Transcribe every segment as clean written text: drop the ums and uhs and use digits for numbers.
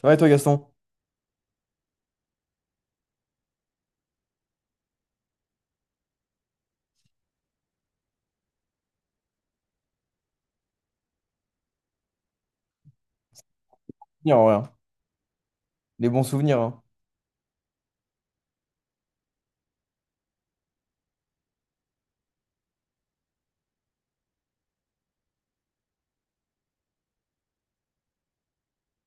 Ça va et toi, Gaston? Souvenirs, en vrai, hein. Les bons souvenirs, hein.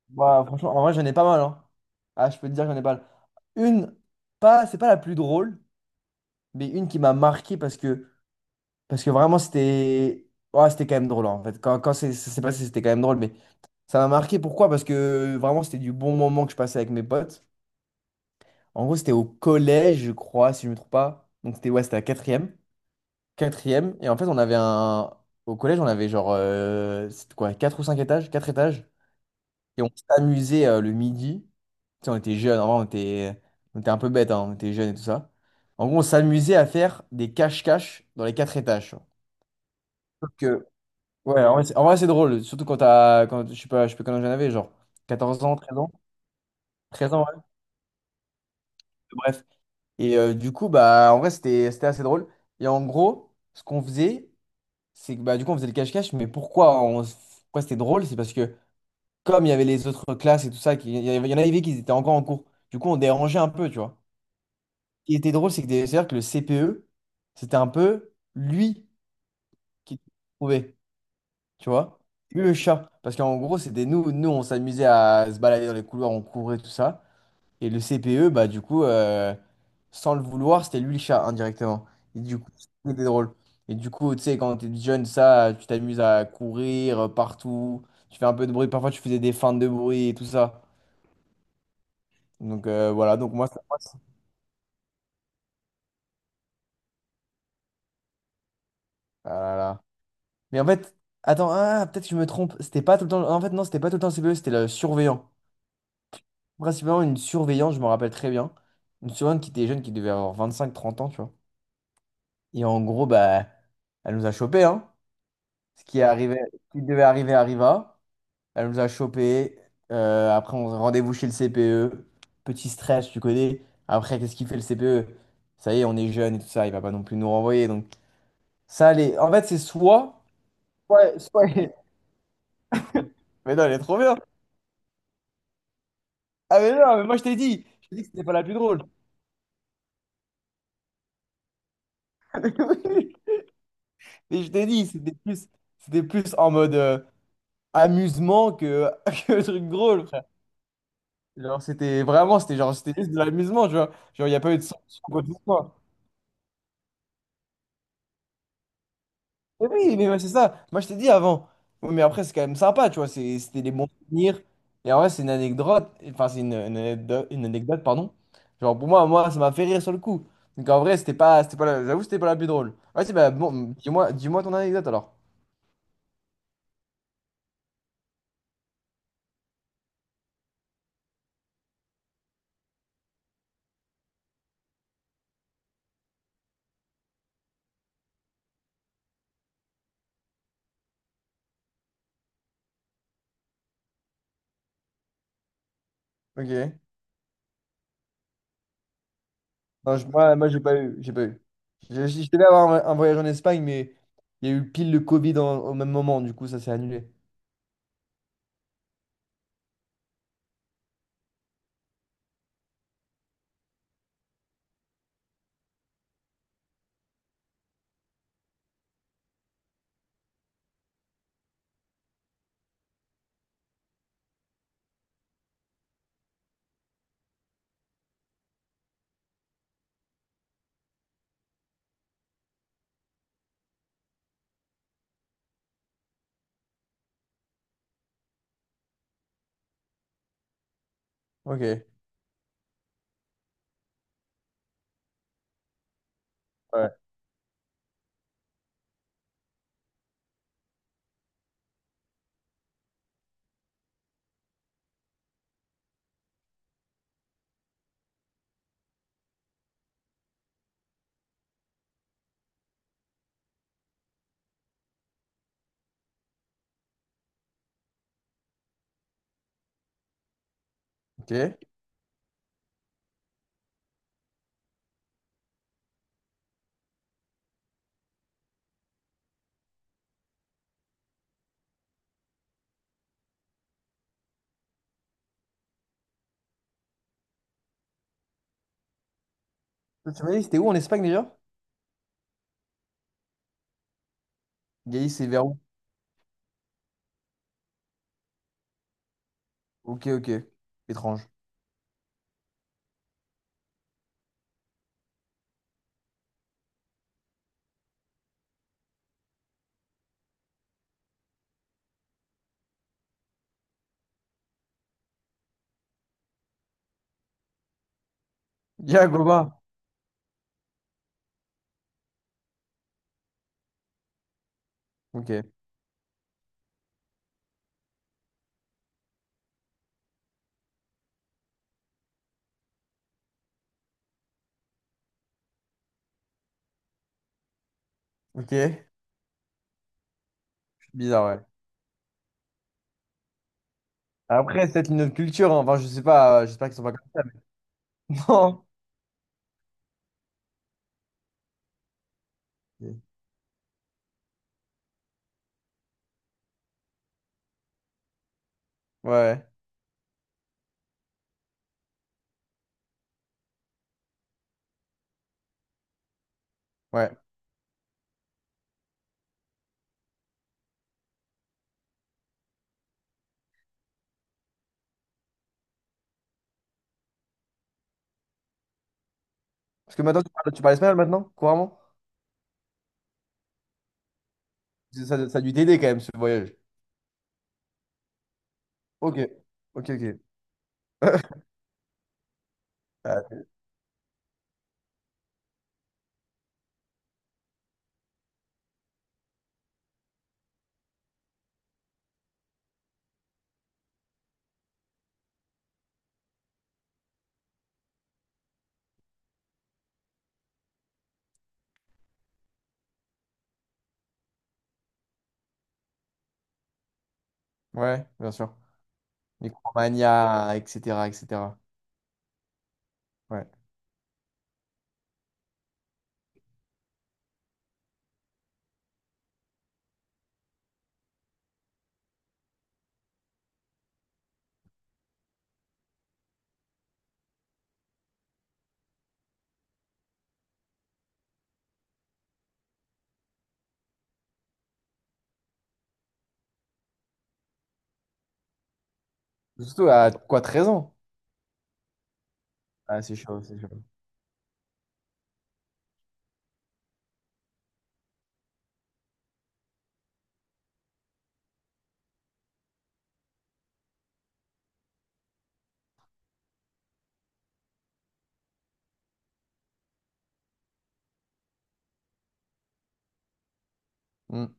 Bah, franchement, en vrai, j'en ai pas mal, hein. Ah, je peux te dire, j'en ai pas mal. Une, pas, c'est pas la plus drôle, mais une qui m'a marqué parce que vraiment, c'était. Ouais, c'était quand même drôle, en fait. Ça s'est passé, c'était quand même drôle, mais ça m'a marqué. Pourquoi? Parce que vraiment, c'était du bon moment que je passais avec mes potes. En gros, c'était au collège, je crois, si je me trompe pas. Donc, c'était ouais, c'était la quatrième. Quatrième. Et en fait, on avait un. Au collège, on avait c'était quoi? Quatre ou cinq étages? Quatre étages. Et on s'amusait le midi. Tu sais, on était jeunes, on était un peu bêtes, hein, on était jeunes et tout ça. En gros, on s'amusait à faire des cache-cache dans les quatre étages. Tu Sauf que, ouais, en vrai, c'est drôle, surtout quand t'as, je sais pas quand j'en avais, genre 14 ans, 13 ans, 13 ans, ouais, bref. Et du coup, bah, en vrai, c'était assez drôle. Et en gros, ce qu'on faisait, c'est que, bah, du coup, on faisait le cache-cache, mais pourquoi c'était drôle? C'est parce que comme il y avait les autres classes et tout ça, il y en avait qui étaient encore en cours. Du coup, on dérangeait un peu, tu vois. Qui était drôle, c'est c'est-à-dire que le CPE, c'était un peu lui qui trouvait, tu vois? Lui, le chat. Parce qu'en gros, c'était nous, nous, on s'amusait à se balader dans les couloirs, on courait, tout ça. Et le CPE, bah, du coup, sans le vouloir, c'était lui le chat, indirectement. Et du coup, c'était drôle. Et du coup, tu sais, quand t'es jeune, ça, tu t'amuses à courir partout, tu fais un peu de bruit, parfois tu faisais des feintes de bruit et tout ça. Donc voilà, donc moi, ça passe. Mais en fait, attends, ah, peut-être que je me trompe. C'était pas tout le temps. En fait, non, c'était pas tout le temps le CPE, c'était le surveillant. Principalement une surveillante, je me rappelle très bien. Une surveillante qui était jeune, qui devait avoir 25-30 ans, tu vois. Et en gros, bah, elle nous a chopés, hein. Ce qui est arrivé, ce qui devait arriver arriva. Elle nous a chopés. Après, on rendez-vous chez le CPE. Petit stress, tu connais. Après, qu'est-ce qu'il fait le CPE? Ça y est, on est jeune et tout ça, il va pas non plus nous renvoyer. Donc, ça, les... en fait, c'est soit. Ouais, soit. Mais non, elle est trop bien. Ah mais non, mais moi je t'ai dit que c'était pas la plus drôle. Mais je t'ai dit, c'était plus en mode amusement que truc drôle, frère. Genre c'était vraiment, c'était genre c'était juste de l'amusement, tu vois. Genre il n'y a pas eu de sanction quoi que ce soit. Mais oui, mais ouais, c'est ça. Moi je t'ai dit avant. Oui, mais après c'est quand même sympa, tu vois. C'était des bons souvenirs. Et en vrai c'est une anecdote, enfin une anecdote, pardon. Genre pour moi, moi ça m'a fait rire sur le coup. Donc en vrai c'était pas, la- j'avoue c'était pas la plus drôle. Ouais, c'est bah bon, dis-moi ton anecdote alors. Ok. Non, moi j'ai pas eu. J'ai pas eu. Je devais avoir un voyage en Espagne, mais il y a eu pile le Covid au même moment. Du coup, ça s'est annulé. Ok. Ouais. Ok. Tu m'as dit, c'était où en Espagne déjà? Galice, c'est vers où? Ok, ok. Étrange. Yagoba. Ok. Ok. Bizarre, ouais. Après, c'est peut-être une autre culture, hein. Enfin, je sais pas. J'espère qu'ils sont pas comme ça. Non. Ok. Ouais. Ouais. Parce que maintenant, tu parles espagnol maintenant, couramment? Ça a dû t'aider quand même, ce voyage. Ok. Ok, ok. Ouais, bien sûr. Micromania, etc., etc. Ouais. Surtout à quoi, 13 ans? Ah, c'est chaud, c'est chaud. Hmm.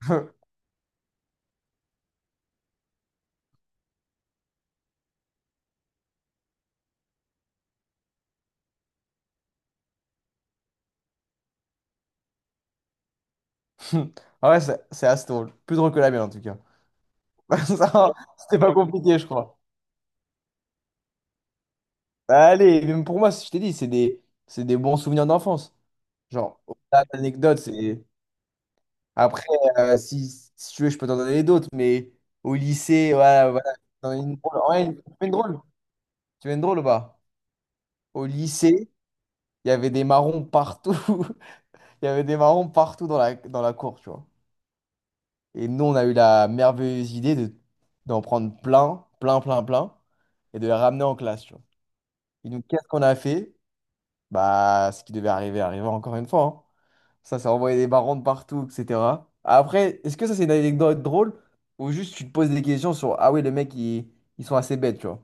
Ah ouais, c'est assez drôle. Plus drôle que la mienne, en tout cas. Ça, c'était pas compliqué, je crois. Bah, allez, même pour moi, si je t'ai dit, c'est des bons souvenirs d'enfance. Genre, au-delà de l'anecdote, c'est... Après, euh, si, si tu veux, je peux t'en donner d'autres, mais au lycée, voilà, voilà. T'en as une drôle. Ouais, tu veux une drôle. Tu veux une drôle ou pas? Au lycée, il y avait des marrons partout. Il y avait des marrons partout dans dans la cour, tu vois. Et nous, on a eu la merveilleuse idée d'en prendre plein, plein, plein, plein, et de les ramener en classe, tu vois. Et donc, qu'est-ce qu'on a fait? Bah, ce qui devait arriver, arriva encore une fois, hein. Ça envoyait des marrons de partout, etc. Après, est-ce que ça, c'est une anecdote drôle? Ou juste, tu te poses des questions sur, ah oui, ils sont assez bêtes, tu vois.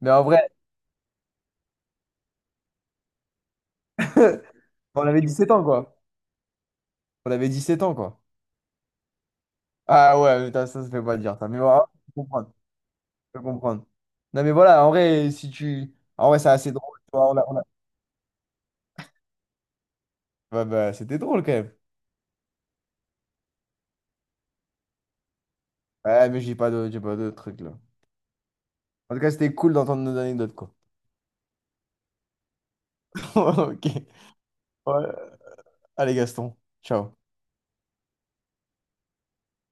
Mais en vrai, on avait 17 ans, quoi. On avait 17 ans, quoi. Ah ouais, putain, ça se fait pas dire, ça. Mais bon, ah, je comprends. Je peux comprendre. Non, mais voilà, en vrai, si tu. En vrai, c'est assez drôle. Tu vois, ouais, bah, c'était drôle quand même. Ouais, mais j'ai pas de trucs là. En tout cas, c'était cool d'entendre nos anecdotes, quoi. Ok. Ouais. Allez, Gaston. Ciao.